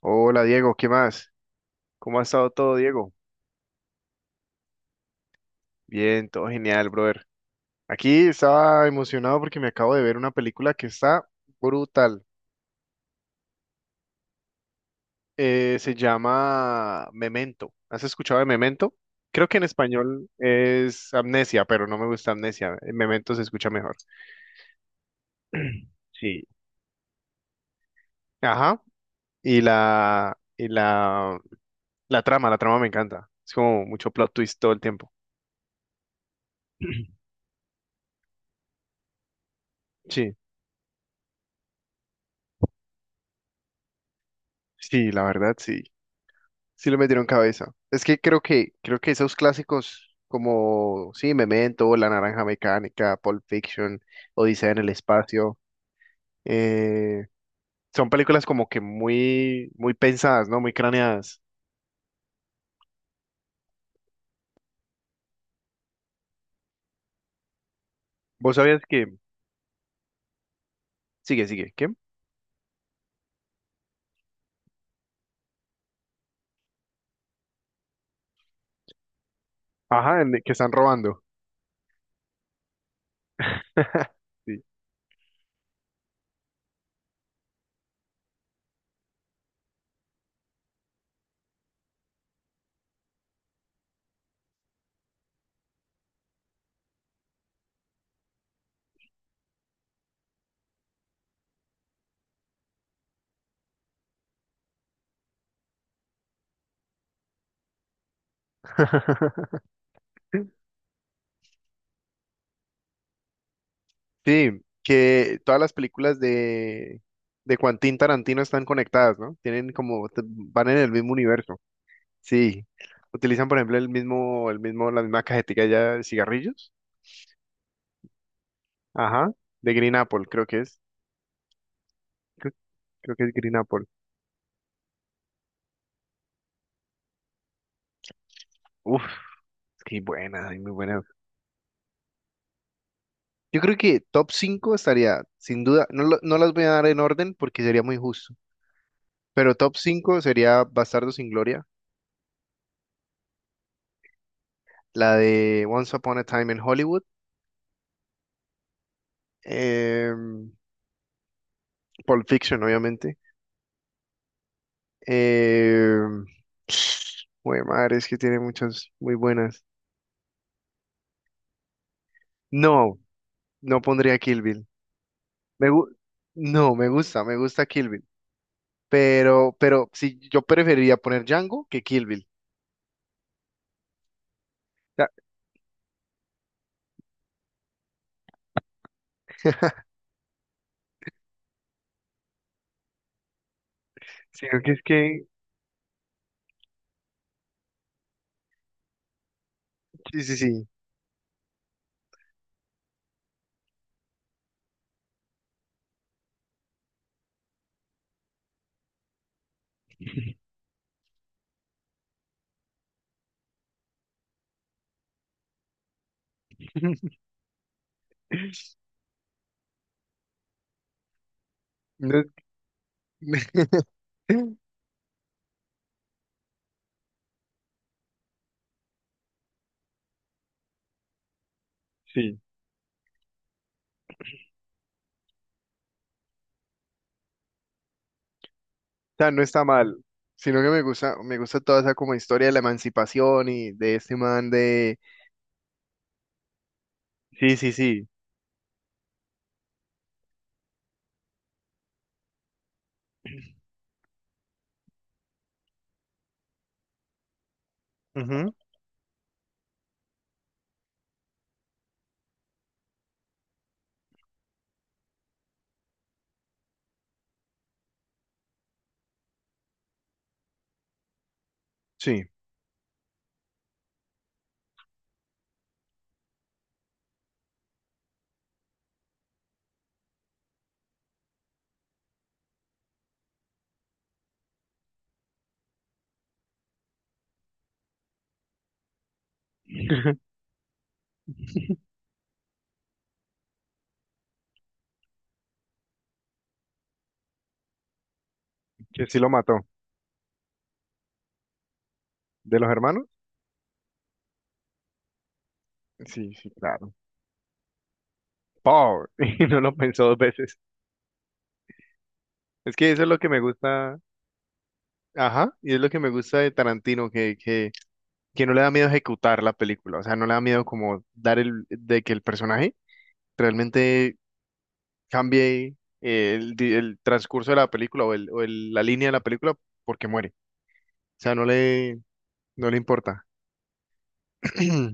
Hola, Diego, ¿qué más? ¿Cómo ha estado todo, Diego? Bien, todo genial, brother. Aquí estaba emocionado porque me acabo de ver una película que está brutal. Se llama Memento. ¿Has escuchado de Memento? Creo que en español es Amnesia, pero no me gusta Amnesia. Memento se escucha mejor. Sí. Ajá. Y la, y la, la trama me encanta. Es como mucho plot twist todo el tiempo. Sí, sí, la verdad, sí. Sí le metieron cabeza. Es que creo que esos clásicos como sí, Memento, La Naranja Mecánica, Pulp Fiction, Odisea en el espacio, eh, son películas como que muy muy pensadas, ¿no? Muy craneadas. ¿Vos sabías que ¿qué? Ajá, que están robando. Sí. Sí, que todas las películas de Quentin Tarantino están conectadas, ¿no? Tienen como van en el mismo universo. Sí, utilizan por ejemplo el mismo, la misma cajetilla ya de cigarrillos, ajá, de Green Apple, creo que es, creo, creo que es Green Apple. Uf, qué buena, ay, muy buena. Yo creo que top 5 estaría, sin duda, no, no las voy a dar en orden porque sería muy justo, pero top cinco sería Bastardo sin Gloria, la de Once Upon a Time in Hollywood, eh, Pulp Fiction, obviamente. Eh, madre, es que tiene muchas muy buenas. No, no pondría Kill Bill. Me gu- no, me gusta Kill Bill, pero sí, yo preferiría poner Django que Kill Bill. Ya. Sino que es que, sí, sí, sí. No. Sí, o sea, no está mal, sino que me gusta toda esa como historia de la emancipación y de este man de... Sí, sí, sí. Ujú. Sí. Que sí lo mató. ¿De los hermanos? Sí, sí, claro. Power. Y no lo pensó dos veces. Es que eso es lo que me gusta. Ajá, y es lo que me gusta de Tarantino, que no le da miedo ejecutar la película, o sea, no le da miedo como dar de que el personaje realmente cambie el transcurso de la película o, la línea de la película porque muere, o sea, no le importa.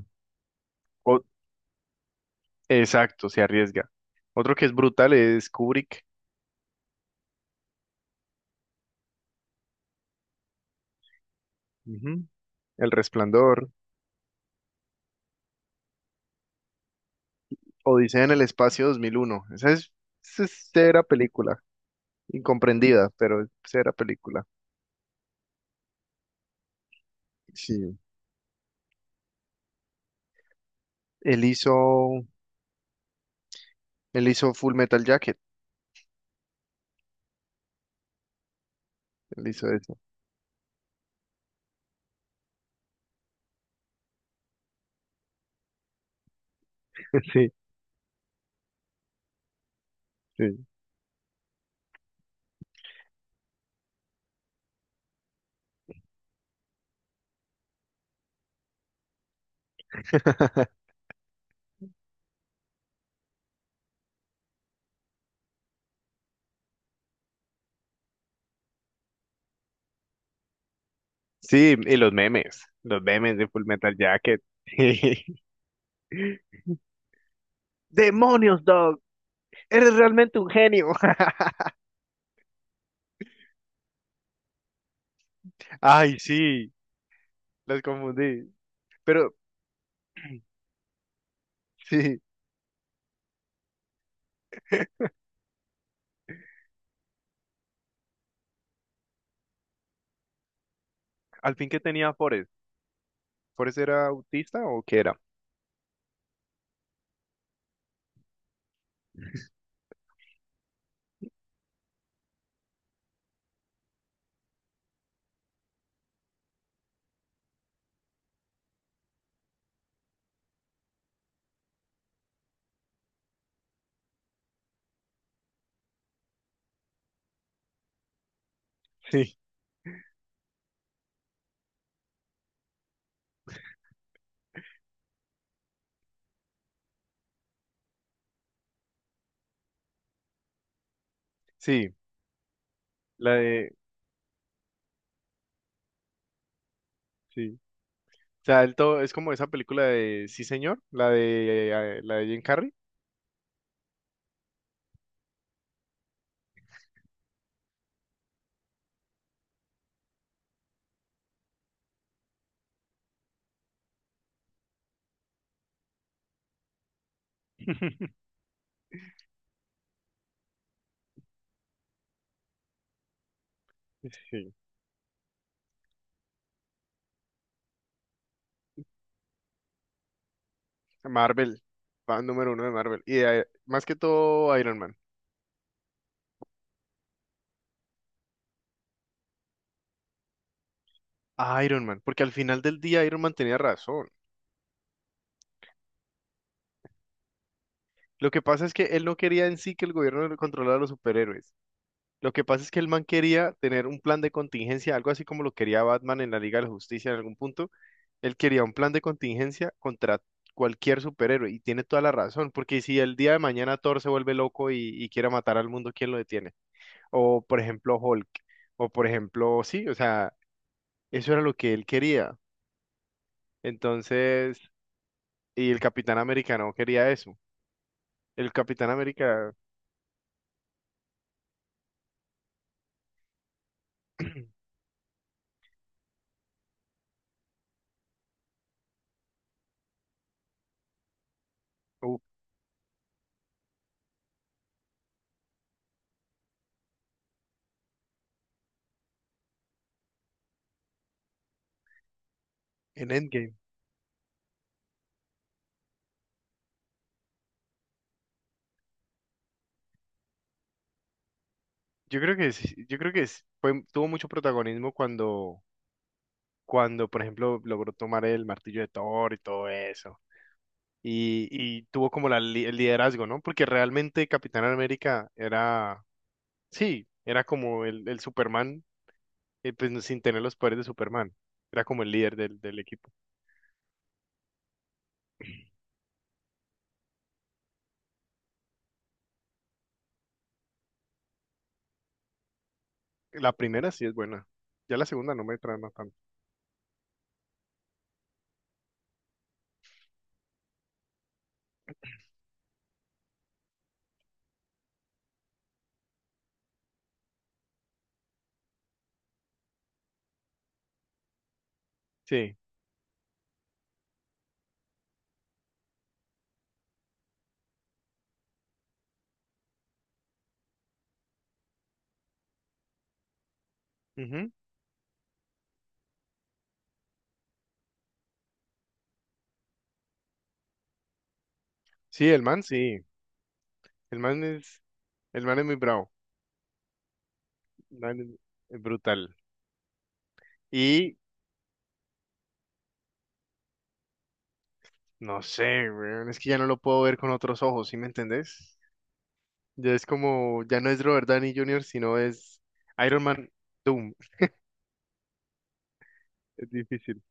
O- exacto, se arriesga. Otro que es brutal es Kubrick, ujú, El Resplandor, Odisea en el Espacio 2001, esa es cera película, incomprendida, pero es cera película. Sí. Él hizo, él hizo Full Metal Jacket, él hizo eso. Sí, sí. Sí, y los memes de Full Metal Jacket. ¡Demonios, Dog! ¡Eres realmente un genio! Ay, sí, las confundí. Pero sí, al fin que tenía Forrest. ¿Forrest era autista o qué era? Sí, sí, la de, sí. O sea, el todo, es como esa película de Sí, señor, la de Jim Carrey. Sí, Marvel, fan número uno de Marvel. Y más que todo Iron Man. A Iron Man, porque al final del día Iron Man tenía razón. Lo que pasa es que él no quería en sí que el gobierno le controlara a los superhéroes. Lo que pasa es que el man quería tener un plan de contingencia, algo así como lo quería Batman en la Liga de la Justicia en algún punto. Él quería un plan de contingencia contra cualquier superhéroe y tiene toda la razón, porque si el día de mañana Thor se vuelve loco y quiere matar al mundo, ¿quién lo detiene? O por ejemplo Hulk, o por ejemplo, sí, o sea, eso era lo que él quería. Entonces, y el Capitán Americano quería eso. El Capitán América. Uh, en Endgame. Yo creo que es- fue, tuvo mucho protagonismo cuando, cuando, por ejemplo, logró tomar el martillo de Thor y todo eso. Y tuvo como el liderazgo, ¿no? Porque realmente Capitán América era, sí, era como el Superman, pues sin tener los poderes de Superman. Era como el líder del, del equipo. La primera sí es buena. Ya la segunda no me trama tanto. Sí. Ujú. Sí, el man, sí. El man es, el man es muy bravo. Man, es brutal. Y no sé, weón, es que ya no lo puedo ver con otros ojos, ¿sí me entendés? Ya es como, ya no es Robert Downey Jr., sino es Iron Man Doom. Es difícil.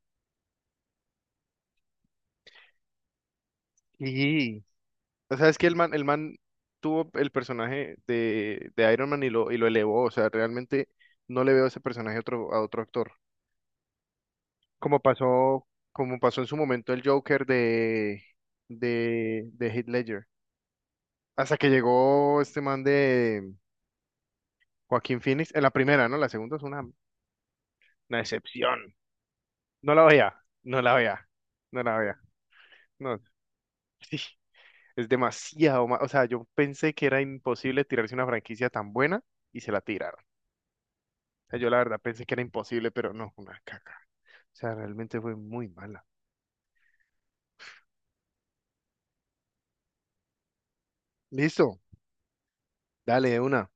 Y, o sea, es que el man tuvo el personaje de Iron Man y lo elevó. O sea, realmente no le veo ese personaje a otro actor. Como pasó en su momento el Joker de, de Heath Ledger. Hasta que llegó este man de Joaquín Phoenix, en la primera, ¿no? La segunda es una excepción. No la veía, no la veía, no la veía. No, sí, o sea, yo pensé que era imposible tirarse una franquicia tan buena y se la tiraron. O sea, yo la verdad pensé que era imposible, pero no, una caca. O sea, realmente fue muy mala. Listo, dale de una.